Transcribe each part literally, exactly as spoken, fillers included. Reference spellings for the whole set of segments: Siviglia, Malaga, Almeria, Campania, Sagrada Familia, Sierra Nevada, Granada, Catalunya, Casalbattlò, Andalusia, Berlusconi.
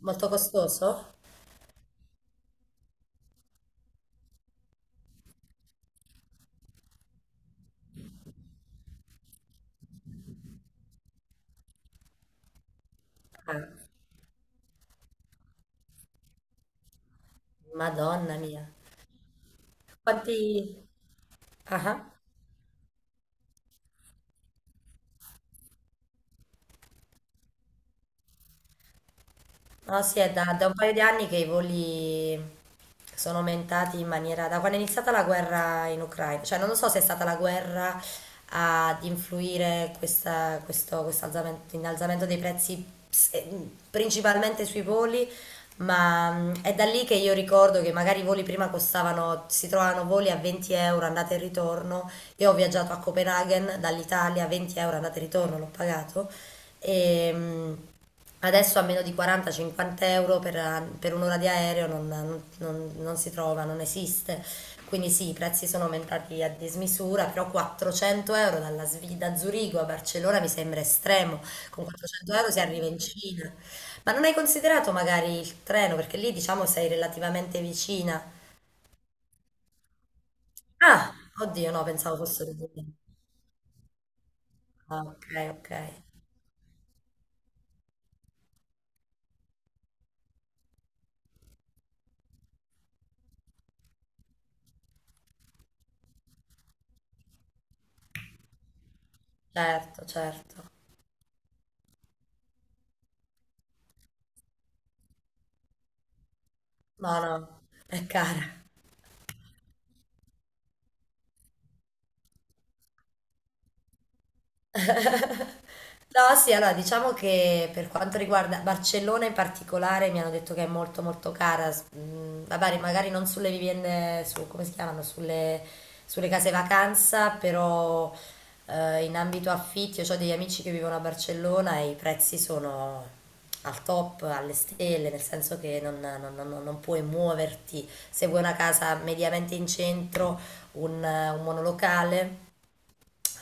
Molto costoso? Ah, Madonna mia. Quanti... Ah, ah. No, sì, è da, da un paio di anni che i voli sono aumentati in maniera... Da quando è iniziata la guerra in Ucraina, cioè non lo so se è stata la guerra ad influire questa, questo, questo alzamento- innalzamento dei prezzi ps- eh, principalmente sui voli, ma mm, è da lì che io ricordo che magari i voli prima costavano, si trovavano voli a venti euro andata e ritorno. Io ho viaggiato a Copenaghen dall'Italia, venti euro andata e ritorno, l'ho pagato. E, mm, Adesso a meno di quaranta-cinquanta euro per, per un'ora di aereo non, non- non- non si trova, non esiste. Quindi sì, i prezzi sono aumentati a dismisura, però quattrocento euro dalla Svi- da Zurigo a Barcellona mi sembra estremo. Con quattrocento euro si arriva in Cina. Ma non hai considerato magari il treno? Perché lì diciamo sei relativamente vicina. Ah, oddio, no, pensavo fosse di... Ah, ok, ok. Certo, certo. No, no, è cara. No, sì, allora diciamo che per quanto riguarda Barcellona in particolare mi hanno detto che è molto molto cara, s- mm, vabbè, magari non sulle vivende, su, come si chiamano, sulle, sulle case vacanza, però eh, in ambito affitti, io ho degli amici che vivono a Barcellona e i prezzi sono al top, alle stelle, nel senso che non, non- non- non puoi muoverti se vuoi una casa mediamente in centro, un un monolocale.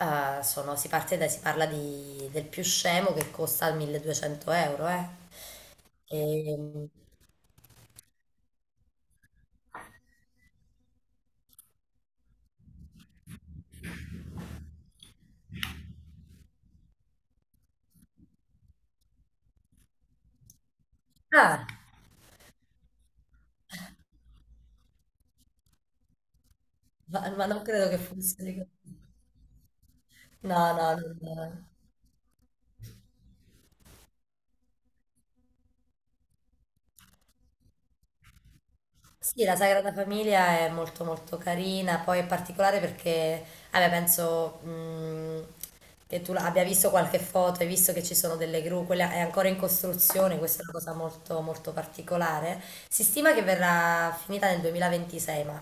Eh, sono, si parte da, si parla di, del più scemo che costa milleduecento euro, eh. E, ah, ma, ma non credo che funzioni così. No, no, no, no. Sì, la Sagrada Famiglia è molto molto carina, poi è particolare perché, vabbè, penso mh, che tu la- abbia visto qualche foto, hai visto che ci sono delle gru, quella è ancora in costruzione, questa è una cosa molto molto particolare. Si stima che verrà finita nel duemilaventisei, ma...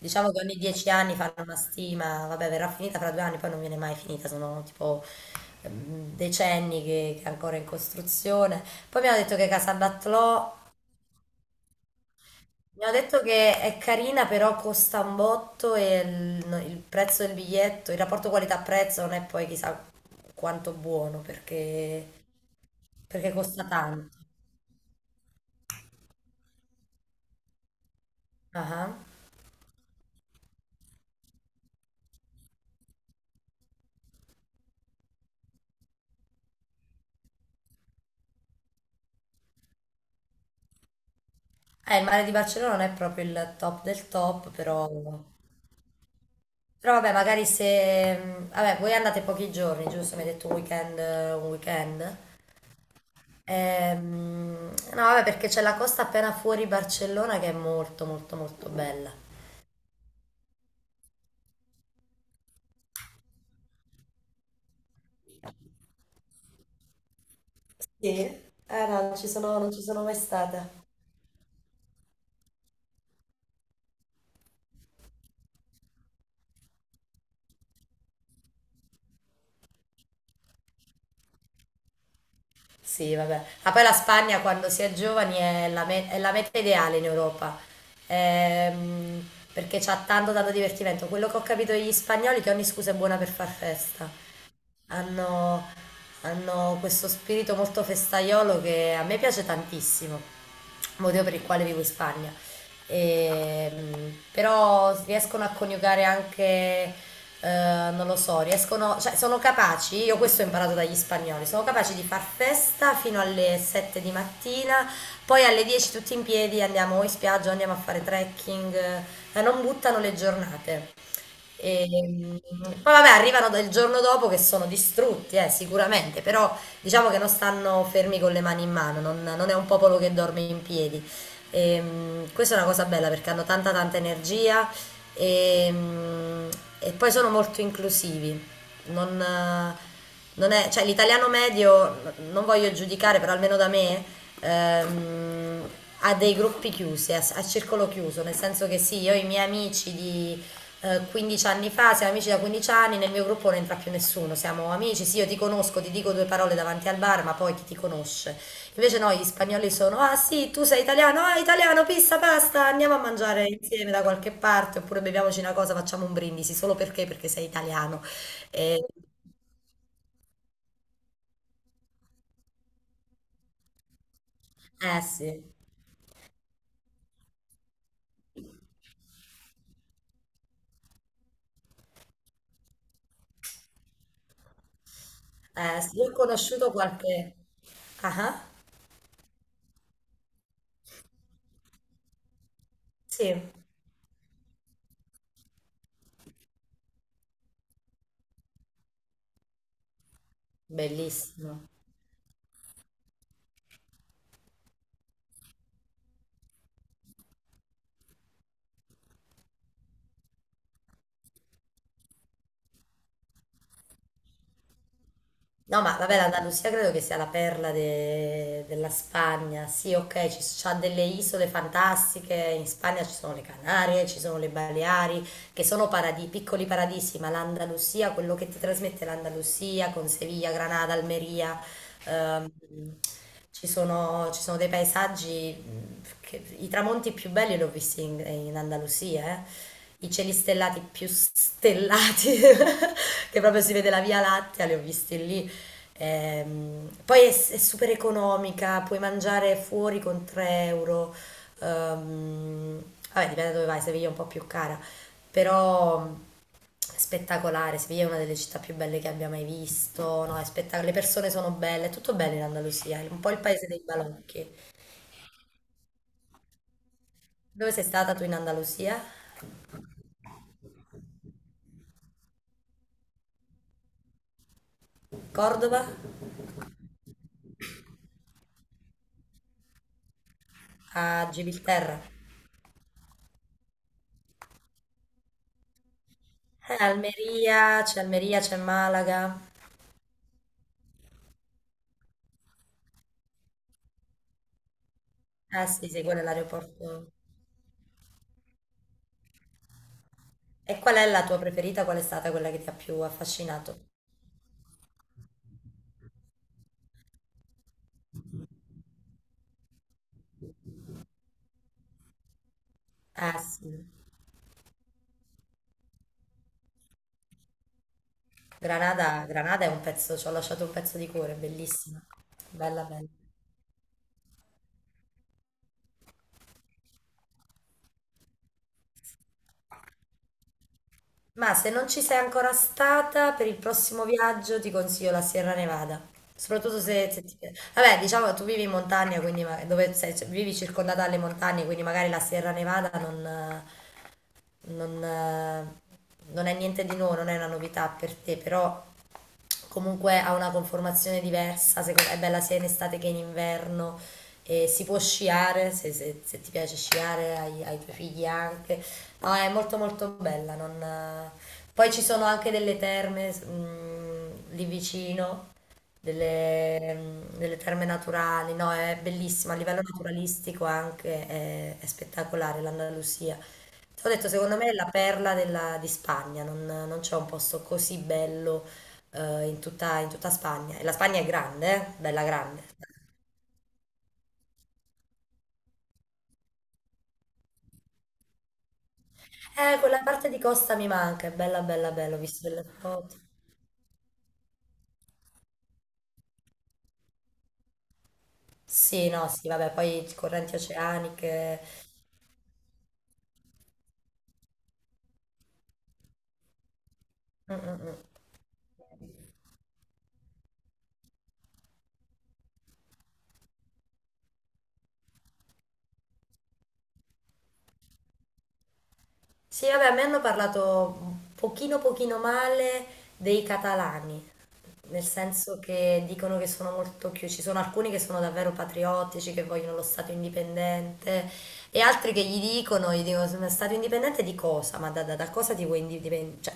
Diciamo che ogni dieci anni fanno una stima, vabbè, verrà finita fra due anni, poi non viene mai finita, sono tipo ehm, decenni che, che è ancora in costruzione. Poi mi hanno detto che Casalbattlò, mi hanno detto che è carina, però costa un botto e il, no, il prezzo del biglietto, il rapporto qualità-prezzo non è poi chissà quanto buono perché, perché costa tanto. Ah ah. Eh, il mare di Barcellona non è proprio il top del top, però... Però vabbè, magari se... mh, Vabbè, voi andate pochi giorni, giusto? Mi hai detto un weekend, eh, un weekend. Ehm, no, vabbè, perché c'è la costa appena fuori Barcellona che è molto, molto, molto bella. Sì? Eh no, non ci sono, non ci sono mai stata. Sì, vabbè. Ma poi la Spagna quando si è giovani è la, me- è la meta ideale in Europa. Ehm, Perché c'ha tanto, tanto divertimento. Quello che ho capito degli spagnoli è che ogni scusa è buona per far festa. Hanno, hanno questo spirito molto festaiolo che a me piace tantissimo, motivo per il quale vivo in Spagna. Ehm, però riescono a coniugare anche, eh, non lo so, riescono, cioè sono capaci, io questo ho imparato dagli spagnoli, sono capaci di far festa fino alle sette di mattina, poi alle dieci tutti in piedi andiamo o in spiaggia o andiamo a fare trekking, eh, ma non buttano le giornate. E, mm, Poi vabbè, arrivano del giorno dopo che sono distrutti, eh, sicuramente, però diciamo che non stanno fermi con le mani in mano, non, non è un popolo che dorme in piedi. E, mm, questa è una cosa bella perché hanno tanta tanta energia e, mm, e poi sono molto inclusivi. Non, eh, Non è, cioè, l'italiano medio, non voglio giudicare, però almeno da me, ehm, ha dei gruppi chiusi, a, a circolo chiuso, nel senso che sì, io ho i miei amici di... Ehm, quindici anni fa, siamo amici da quindici anni, nel mio gruppo non entra più nessuno, siamo amici, sì io ti conosco, ti dico due parole davanti al bar, ma poi chi ti conosce? Invece no, gli spagnoli sono, ah sì, tu sei italiano, ah italiano, pizza, pasta, andiamo a mangiare insieme da qualche parte, oppure beviamoci una cosa, facciamo un brindisi, solo perché? Perché sei italiano. E- eh sì, eh sì, io ho conosciuto qualche... Ah, ah, sì, bellissimo. No, ma vabbè, l'Andalusia credo che sia la perla de- della Spagna. Sì, ok, ci s- c'ha delle isole fantastiche. In Spagna ci sono le Canarie, ci sono le Baleari, che sono paradisi, piccoli paradisi, ma l'Andalusia, quello che ti trasmette l'Andalusia con Siviglia, Granada, Almeria... Ehm, Ci sono, ci sono dei paesaggi, mh, che- i tramonti più belli li ho visti in, in Andalusia, eh. I cieli stellati più stellati, che proprio si vede la Via Lattea, li ho visti lì. Ehm, poi è, è super economica, puoi mangiare fuori con tre euro. Ehm, Vabbè, dipende da dove vai, Seviglia è un po' più cara, però spettacolare. Siviglia è una delle città più belle che abbia mai visto, no, è spettac- le persone sono belle, è tutto bello in Andalusia, è un po' il paese dei balocchi. Dove sei stata tu in Andalusia? Cordova? A Gibilterra? Eh, Almeria, c'è Almeria, c'è Malaga. Ah sì, sì, quello è l'aeroporto. E qual è la tua preferita? Qual è stata quella che ti ha più affascinato? Ah sì, Granada, Granada è un pezzo, ci ho lasciato un pezzo di cuore, è bellissima, bella bella. Ma se non ci sei ancora stata, per il prossimo viaggio ti consiglio la Sierra Nevada. Soprattutto se, se ti piace. Vabbè, diciamo che tu vivi in montagna, quindi ma- dove sei- cioè, vivi circondata dalle montagne, quindi magari la Sierra Nevada non, eh, non, eh, non è niente di nuovo, non è una novità per te, però comunque ha una conformazione diversa, seco- è bella sia in estate che in inverno. E si può sciare, se, se- se ti piace sciare, ai, ai tuoi figli anche. No, è molto molto bella. non- Poi ci sono anche delle terme mm, lì vicino, delle, mm, delle terme naturali, no, è bellissima, a livello naturalistico anche è, è spettacolare l'Andalusia. Ti ho detto, secondo me è la perla della- di Spagna, non, non c'è un posto così bello eh, in tutta, in tutta Spagna. E la Spagna è grande, eh, bella grande. Eh, quella parte di costa mi manca, è bella bella bella, ho visto delle foto. Sì, no, sì, vabbè, poi correnti oceaniche. Mm, mm, mm. Sì, vabbè, a me hanno parlato un pochino pochino male dei catalani, nel senso che dicono che sono molto chiusi, ci sono alcuni che sono davvero patriottici, che vogliono lo Stato indipendente e altri che gli dicono, gli dicono: "Ma Stato indipendente di cosa? Ma da, da- da cosa ti vuoi indipendere? Cioè,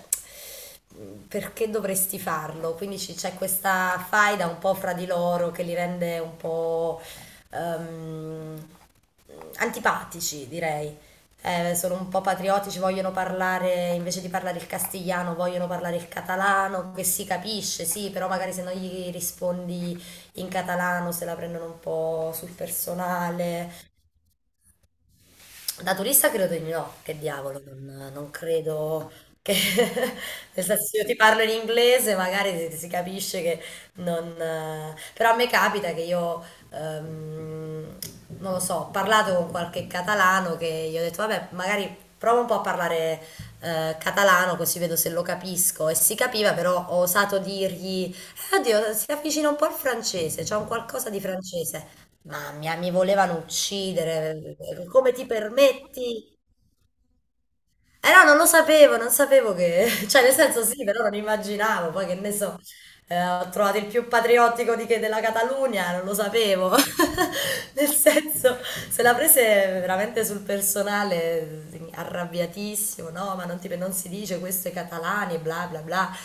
perché dovresti farlo?" Quindi ci- c'è questa faida un po' fra di loro che li rende un po' ehm, antipatici, direi. Eh, sono un po' patriottici, vogliono parlare, invece di parlare il castigliano, vogliono parlare il catalano, che si capisce, sì, però magari se non gli rispondi in catalano se la prendono un po' sul personale. Da turista credo di no, che diavolo, non, non credo che... nel senso, se io ti parlo in inglese magari si, si capisce che non... eh, però a me capita che io, ehm, non lo so, ho parlato con qualche catalano che gli ho detto, vabbè, magari provo un po' a parlare eh, catalano così vedo se lo capisco. E si capiva, però ho osato dirgli, eh, oddio, si avvicina un po' al francese, c'è un qualcosa di francese. Mamma mia, mi volevano uccidere. Come ti permetti? Eh no, non lo sapevo, non sapevo che... Cioè, nel senso sì, però non immaginavo. Poi che ne so, eh, ho trovato il più patriottico di che della Catalunya, non lo sapevo. Nel senso, se la prese veramente sul personale, arrabbiatissimo, no, ma non, ti- non si dice questo ai catalani, bla bla bla.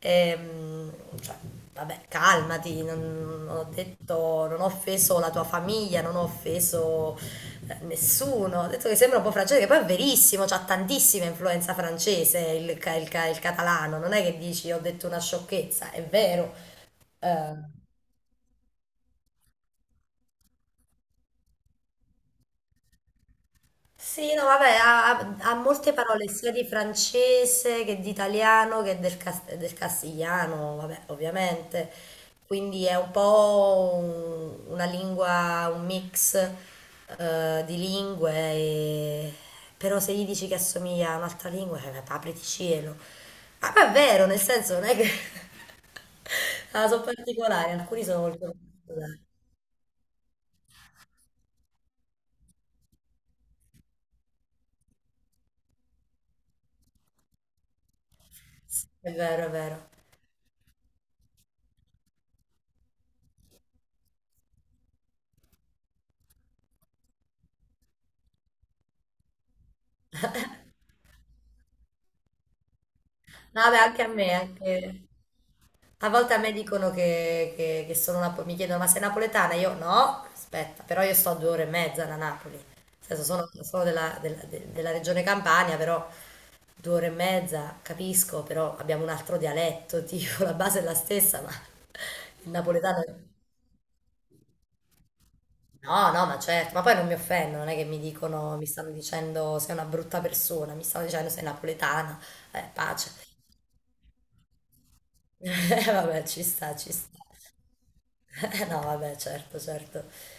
Ehm, cioè, vabbè, calmati, non ho detto, non ho offeso la tua famiglia, non ho offeso eh, nessuno. Ho detto che sembra un po' francese, che poi è verissimo, c'ha tantissima influenza francese il, ca- il ca- il catalano. Non è che dici ho detto una sciocchezza, è vero. Eh, Sì, no, vabbè, ha, ha- ha molte parole sia di francese che di italiano che del, cas- del castigliano, vabbè, ovviamente. Quindi è un po' un- una lingua, un mix eh, di lingue, e- però se gli dici che assomiglia a un'altra lingua, eh, apriti cielo. Ah, ma è vero, nel senso non è che... Ah, sono particolari, alcuni sono molto particolari. Sì, è vero, è vero. No, vabbè, anche a me, anche... A volte a me dicono che, che- che sono napoletana, mi chiedono: ma sei napoletana? Io no, aspetta, però io sto a due ore e mezza da Napoli, nel senso sono, sono della, della- de- della regione Campania, però due ore e mezza capisco, però abbiamo un altro dialetto, tipo la base è la stessa, ma il napoletano... No, no, ma certo, ma poi non mi offendo, non è che mi dicono, mi stanno dicendo sei una brutta persona, mi stanno dicendo sei napoletana, eh, pace. Vabbè, ci sta, ci sta. No, vabbè, certo, certo.